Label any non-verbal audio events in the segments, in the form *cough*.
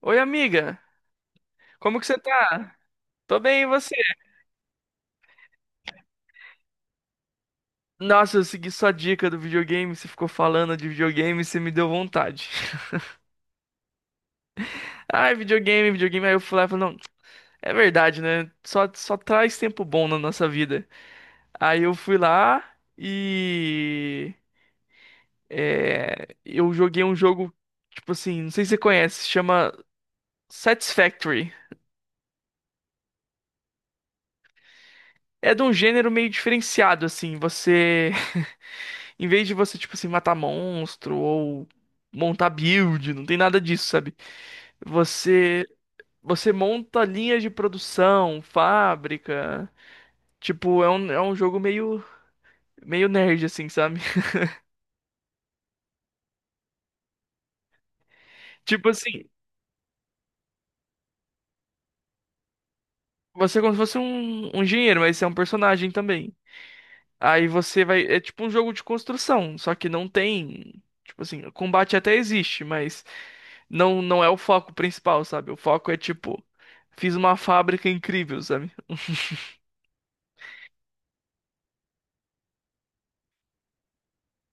Oi, amiga. Como que você tá? Tô bem, e você? Nossa, eu segui sua dica do videogame, você ficou falando de videogame, você me deu vontade. *laughs* Ai, videogame, videogame. Aí eu fui lá e falei, não, é verdade, né? Só traz tempo bom na nossa vida. Aí eu fui lá e eu joguei um jogo, tipo assim, não sei se você conhece, chama Satisfactory. É de um gênero meio diferenciado, assim, em vez de você, tipo assim, matar monstro ou montar build, não tem nada disso, sabe? Você você monta linhas de produção, fábrica. Tipo, é um jogo meio nerd, assim, sabe? *laughs* Tipo assim, você é como se fosse um engenheiro, mas você é um personagem também. Aí você vai. É tipo um jogo de construção, só que não tem. Tipo assim, o combate até existe, mas não é o foco principal, sabe? O foco é tipo, fiz uma fábrica incrível, sabe?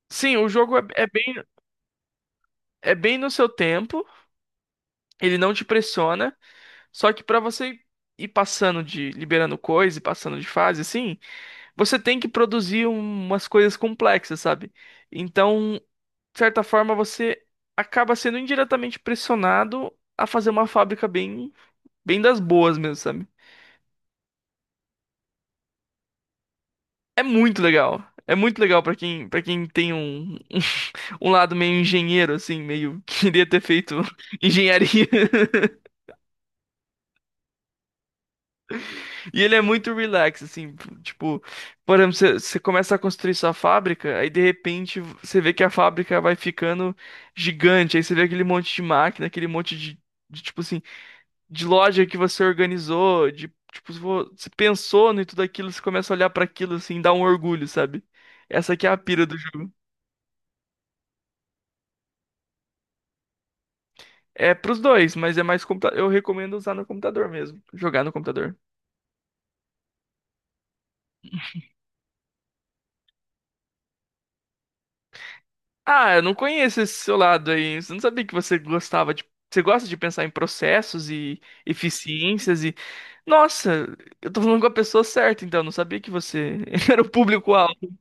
Sim, o jogo é bem no seu tempo, ele não te pressiona, só que pra você ir passando de, liberando coisa e passando de fase, assim, você tem que produzir umas coisas complexas, sabe? Então, de certa forma, você acaba sendo indiretamente pressionado a fazer uma fábrica bem, bem das boas mesmo, sabe? É muito legal. É muito legal pra para quem tem um, *laughs* um lado meio engenheiro, assim, meio *laughs* queria ter feito *laughs* engenharia. E ele é muito relax, assim, tipo, por exemplo, você começa a construir sua fábrica, aí de repente você vê que a fábrica vai ficando gigante, aí você vê aquele monte de máquina, aquele monte de, tipo assim, de loja que você organizou, de, tipo, você pensou em tudo aquilo, você começa a olhar pra aquilo, assim, dá um orgulho, sabe? Essa aqui é a pira do jogo. É pros dois, mas é mais eu recomendo usar no computador mesmo, jogar no computador. Ah, eu não conheço esse seu lado aí. Eu não sabia que você gostava de. Você gosta de pensar em processos e eficiências e. Nossa, eu tô falando com a pessoa certa, então. Não sabia que você *laughs* era o público-alvo.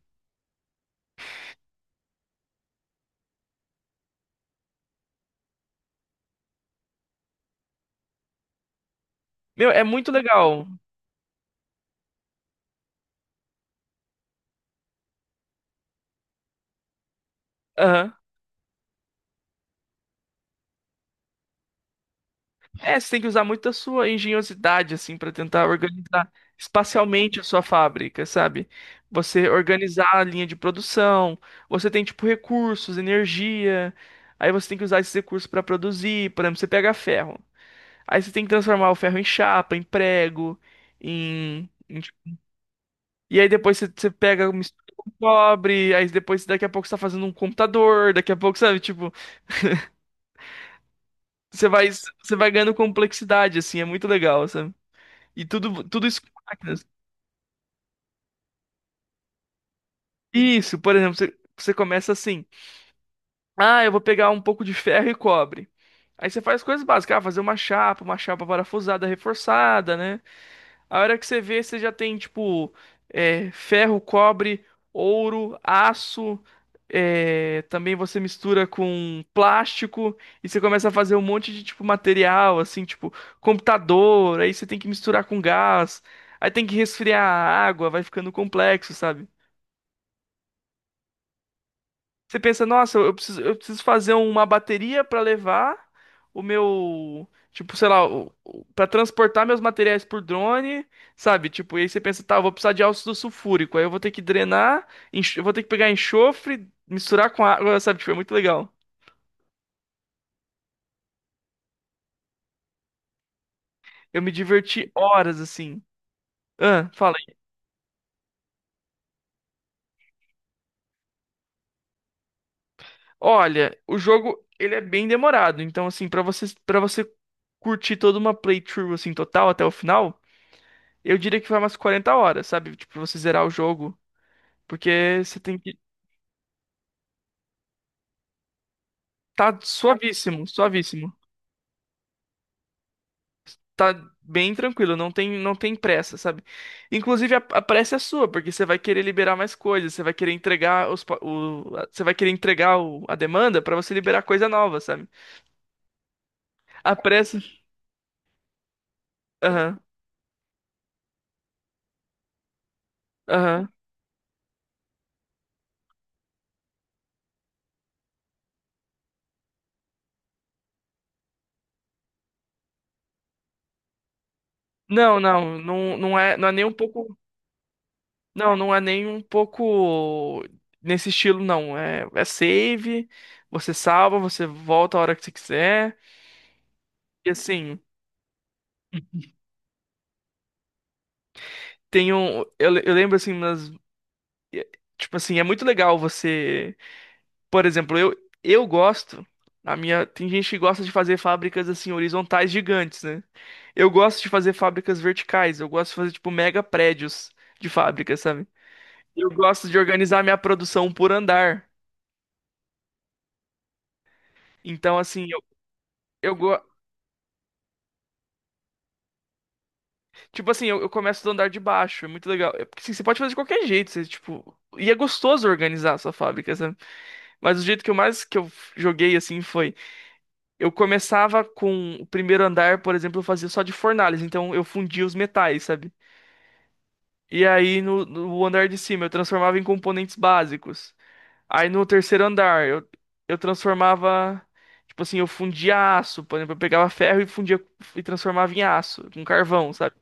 Meu, é muito legal. Aham. É, você tem que usar muito a sua engenhosidade, assim, pra tentar organizar espacialmente a sua fábrica, sabe? Você organizar a linha de produção, você tem, tipo, recursos, energia. Aí você tem que usar esses recursos pra produzir. Por exemplo, você pega ferro. Aí você tem que transformar o ferro em chapa, em prego, em. em- e aí depois você pega, mistura com cobre, aí depois daqui a pouco você tá fazendo um computador, daqui a pouco, sabe? Tipo, você vai ganhando complexidade, assim, é muito legal, sabe? E tudo isso com máquinas. Isso, por exemplo, você começa assim: ah, eu vou pegar um pouco de ferro e cobre. Aí você faz coisas básicas, ah, fazer uma chapa parafusada, reforçada, né? A hora que você vê, você já tem, tipo, ferro, cobre, ouro, aço. Também você mistura com plástico e você começa a fazer um monte de, tipo, material, assim, tipo, computador. Aí você tem que misturar com gás. Aí tem que resfriar a água, vai ficando complexo, sabe? Você pensa, nossa, eu preciso fazer uma bateria para levar o meu, tipo, sei lá, para transportar meus materiais por drone, sabe? Tipo, e aí você pensa, tá, eu vou precisar de ácido sulfúrico, aí eu vou ter que drenar, eu vou ter que pegar enxofre, misturar com água, sabe? Tipo, é muito legal. Eu me diverti horas assim. Ah, fala aí. Olha, o jogo, ele é bem demorado, então assim, para você curtir toda uma playthrough assim total até o final, eu diria que vai umas 40 horas, sabe? Tipo, pra você zerar o jogo. Porque você tem que. Tá suavíssimo, suavíssimo. Tá bem tranquilo, não tem pressa, sabe? Inclusive, a pressa é sua, porque você vai querer liberar mais coisas, você vai querer entregar os, pa- o, a- você vai querer entregar o- a demanda pra você liberar coisa nova, sabe? A pressa. Aham, aham. Não, não, não, não é, não é nem um pouco. Não, não é nem um pouco nesse estilo, não. É save, você salva, você volta a hora que você quiser. E assim. Tem um, eu, eu lembro assim, e- tipo assim, é muito legal você. Por exemplo, eu gosto. A minha. Tem gente que gosta de fazer fábricas assim, horizontais gigantes, né? Eu gosto de fazer fábricas verticais. Eu gosto de fazer, tipo, mega prédios de fábricas, sabe? Eu gosto de organizar minha produção por andar. Então, assim, eu go... tipo assim, eu começo do andar de baixo. É muito legal. É porque assim, você pode fazer de qualquer jeito. Você, tipo, e é gostoso organizar a sua fábrica, sabe? Mas o jeito que eu mais que eu joguei assim foi. Eu começava com o primeiro andar, por exemplo, eu fazia só de fornalhas, então eu fundia os metais, sabe? E aí no andar de cima eu transformava em componentes básicos. Aí no terceiro andar eu transformava, tipo assim, eu fundia aço, por exemplo, eu pegava ferro e fundia e transformava em aço, com carvão, sabe?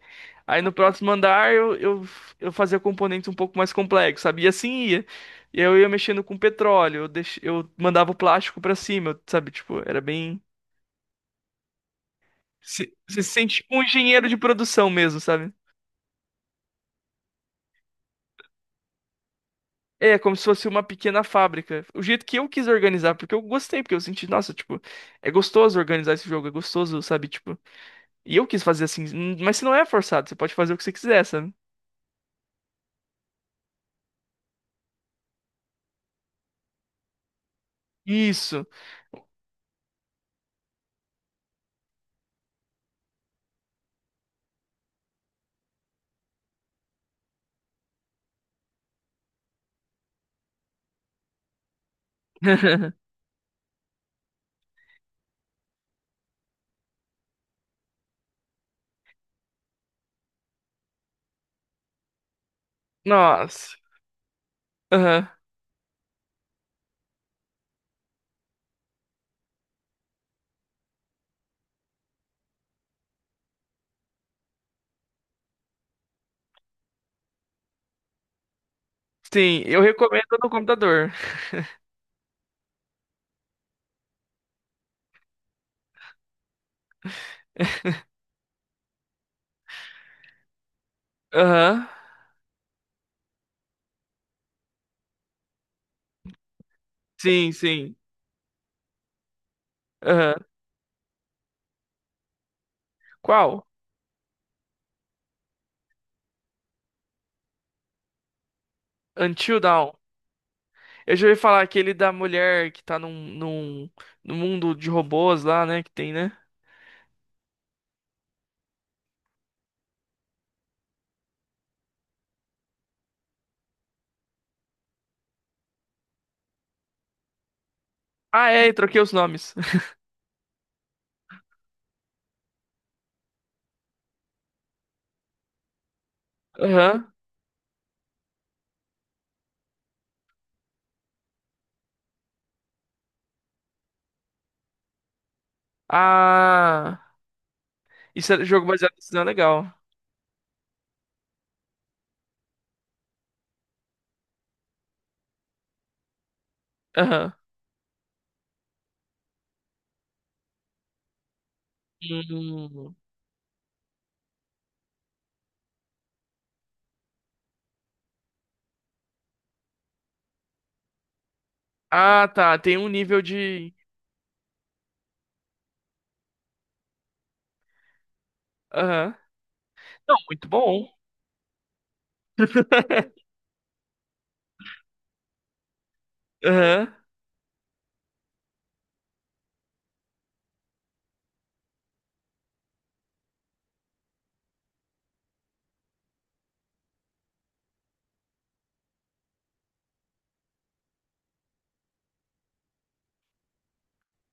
Aí no próximo andar eu fazia componentes um pouco mais complexos, sabe? E assim ia. E aí eu ia mexendo com petróleo, eu mandava o plástico pra cima, sabe? Tipo, era bem. Se, você se sente tipo um engenheiro de produção mesmo, sabe? É, como se fosse uma pequena fábrica. O jeito que eu quis organizar, porque eu gostei, porque eu senti, nossa, tipo, é gostoso organizar esse jogo, é gostoso, sabe? Tipo, e eu quis fazer assim, mas se não é forçado, você pode fazer o que você quiser, sabe? Isso. *laughs* Nossa. Aham. Sim, eu recomendo no computador. *laughs* Aham. Sim, sim. Aham. Qual? Until Dawn. Eu já ouvi falar aquele da mulher que tá num mundo de robôs lá, né? Que tem, né? Ah, é, eu troquei os nomes. *laughs* Aham. Ah, isso é jogo baseado em sinal legal. Aham. Hum. Ah, tá, tem um nível de. Aham. Não, muito bom. *laughs* Aham,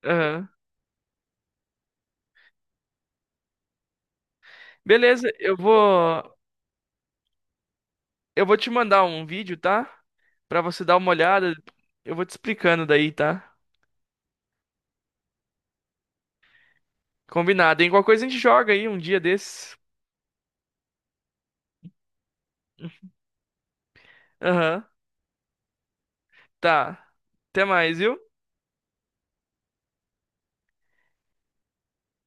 aham. Beleza, eu vou. Eu vou te mandar um vídeo, tá? Pra você dar uma olhada. Eu vou te explicando daí, tá? Combinado, hein? Qualquer coisa a gente joga aí um dia desses. Aham, tá. Até mais, viu?